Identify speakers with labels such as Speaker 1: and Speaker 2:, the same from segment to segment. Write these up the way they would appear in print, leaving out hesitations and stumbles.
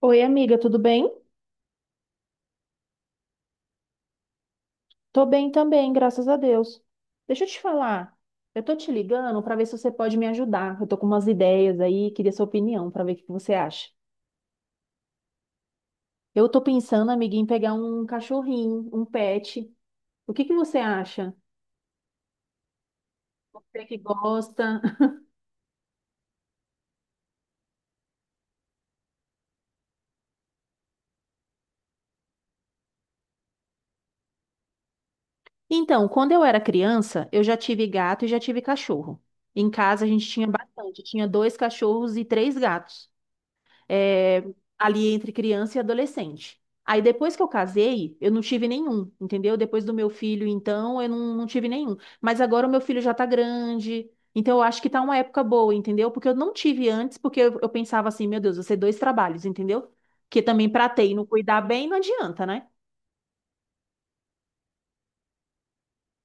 Speaker 1: Oi, amiga, tudo bem? Tô bem também, graças a Deus. Deixa eu te falar, eu tô te ligando para ver se você pode me ajudar. Eu tô com umas ideias aí, queria sua opinião para ver o que você acha. Eu tô pensando, amiga, em pegar um cachorrinho, um pet. O que você acha? Você que gosta. Então, quando eu era criança, eu já tive gato e já tive cachorro. Em casa a gente tinha bastante, tinha dois cachorros e três gatos. é, Ali entre criança e adolescente. Aí depois que eu casei, eu não tive nenhum, entendeu? Depois do meu filho, então, eu não tive nenhum. Mas agora o meu filho já tá grande, então eu acho que tá uma época boa, entendeu? Porque eu não tive antes, porque eu pensava assim, meu Deus, vou ser dois trabalhos, entendeu? Porque também pra ter e não cuidar bem, não adianta, né?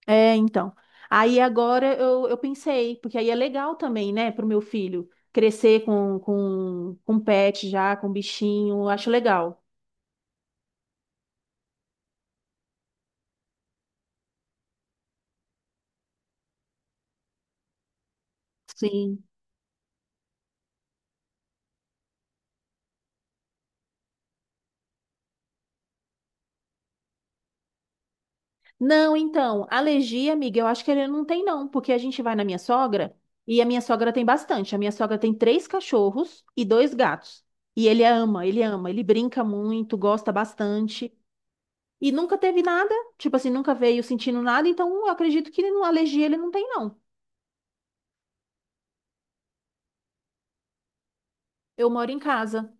Speaker 1: É, então. Aí agora eu pensei, porque aí é legal também, né, pro meu filho crescer com pet já, com bichinho, acho legal. Sim. Não, então, alergia, amiga, eu acho que ele não tem, não, porque a gente vai na minha sogra e a minha sogra tem bastante. A minha sogra tem três cachorros e dois gatos. E ele ama, ele ama, ele brinca muito, gosta bastante. E nunca teve nada, tipo assim, nunca veio sentindo nada, então eu acredito que ele não- alergia ele não tem, não. Eu moro em casa.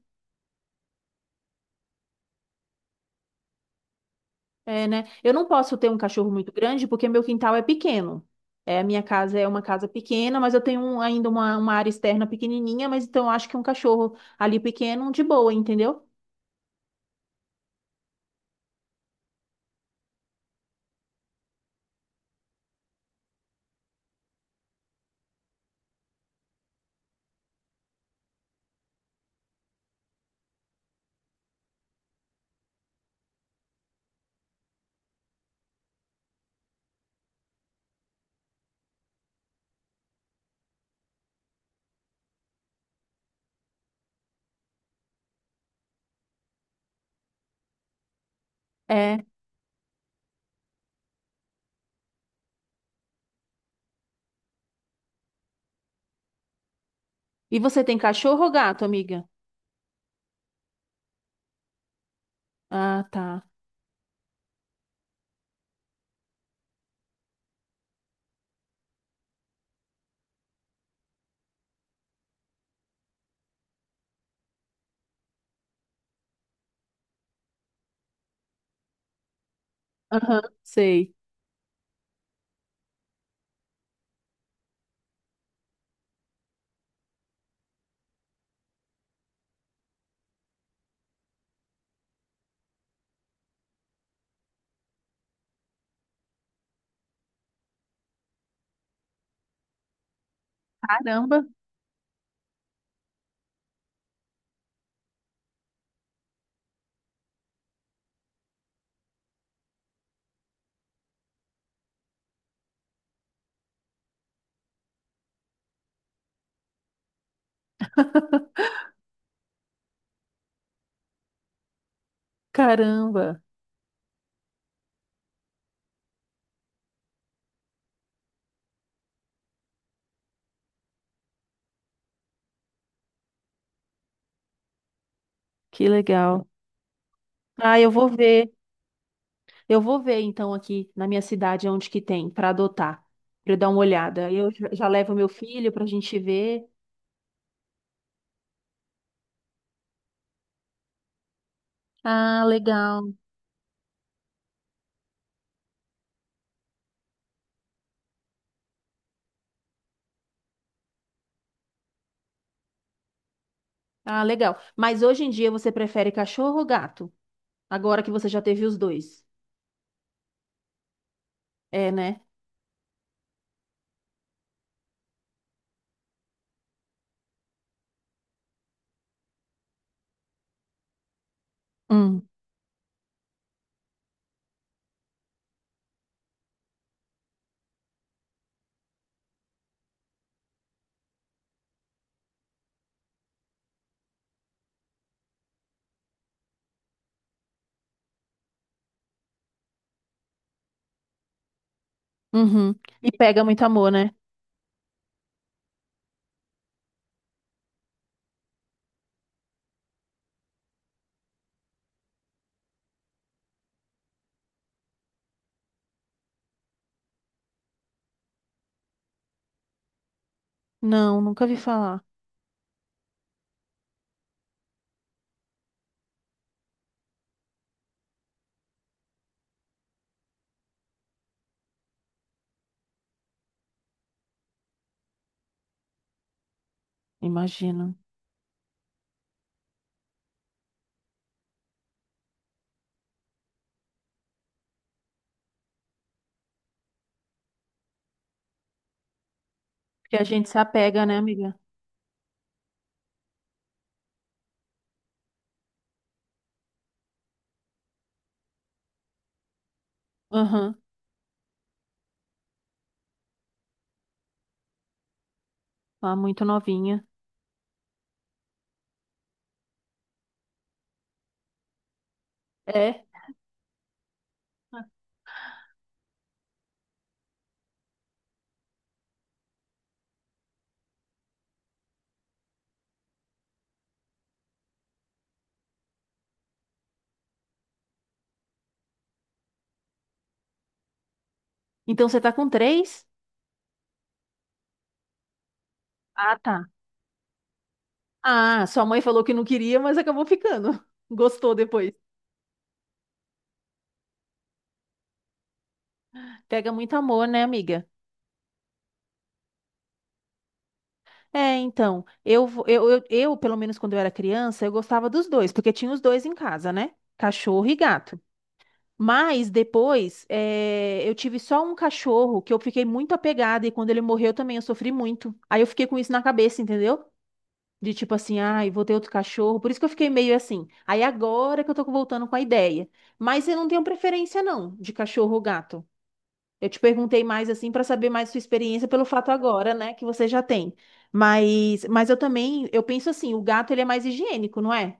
Speaker 1: É, né? Eu não posso ter um cachorro muito grande porque meu quintal é pequeno. É, a minha casa é uma casa pequena, mas eu tenho um- ainda uma área externa pequenininha, mas então eu acho que um cachorro ali pequeno, de boa, entendeu? É. E você tem cachorro ou gato, amiga? Ah, tá. Aham, sei. Caramba, caramba, que legal. Ah, eu vou ver. Eu vou ver então aqui na minha cidade onde que tem para adotar, para dar uma olhada. Eu já já levo meu filho para a gente ver. Ah, legal. Ah, legal. Mas hoje em dia você prefere cachorro ou gato? Agora que você já teve os dois. É, né? Hum, uhum. E pega muito amor, né? Não, nunca vi falar. Imagino. Porque a gente se apega, né, amiga? Aham. Lá muito novinha. É. Então você tá com três? Ah, tá. Ah, sua mãe falou que não queria, mas acabou ficando. Gostou depois. Pega muito amor, né, amiga? É, então, eu, pelo menos quando eu era criança, eu gostava dos dois, porque tinha os dois em casa, né? Cachorro e gato. Mas depois, eu tive só um cachorro que eu fiquei muito apegada e quando ele morreu também eu sofri muito. Aí eu fiquei com isso na cabeça, entendeu? De tipo assim, ai, vou ter outro cachorro. Por isso que eu fiquei meio assim. Aí agora que eu tô voltando com a ideia. Mas eu não tenho preferência não de cachorro ou gato. Eu te perguntei mais assim pra saber mais sua experiência pelo fato agora, né, que você já tem. Mas eu também, eu penso assim, o gato ele é mais higiênico, não é?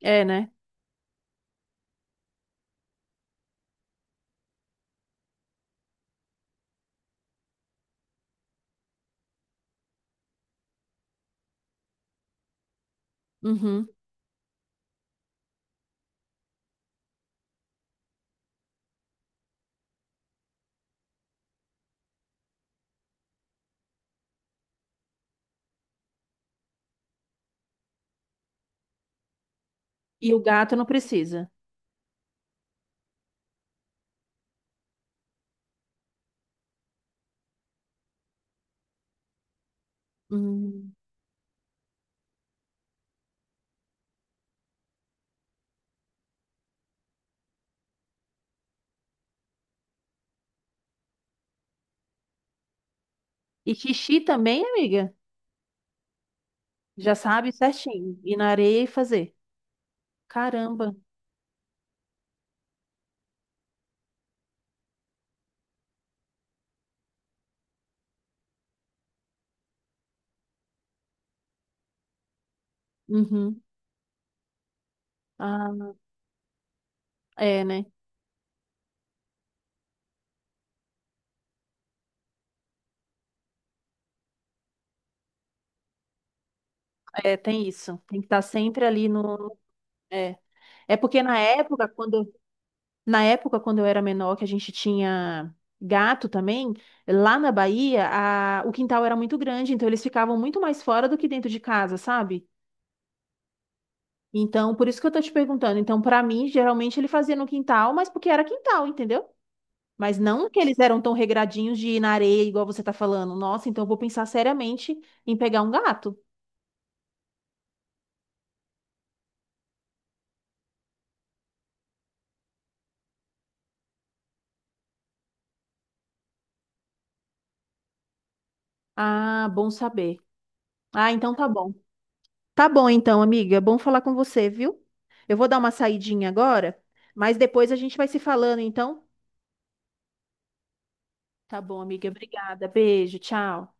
Speaker 1: É, né? Uhum. E o gato não precisa. Hum. E xixi também, amiga? Já sabe certinho. Ir na areia e fazer. Caramba. Uhum. Ah, é, né? É, tem isso. Tem que estar sempre ali no. É. É porque na época, quando eu era menor, que a gente tinha gato também, lá na Bahia, a... o quintal era muito grande, então eles ficavam muito mais fora do que dentro de casa, sabe? Então, por isso que eu tô te perguntando. Então, pra mim, geralmente ele fazia no quintal, mas porque era quintal, entendeu? Mas não que eles eram tão regradinhos de ir na areia, igual você tá falando. Nossa, então eu vou pensar seriamente em pegar um gato. Ah, bom saber. Ah, então tá bom. Tá bom então, amiga. Bom falar com você, viu? Eu vou dar uma saidinha agora, mas depois a gente vai se falando, então. Tá bom, amiga. Obrigada. Beijo, tchau.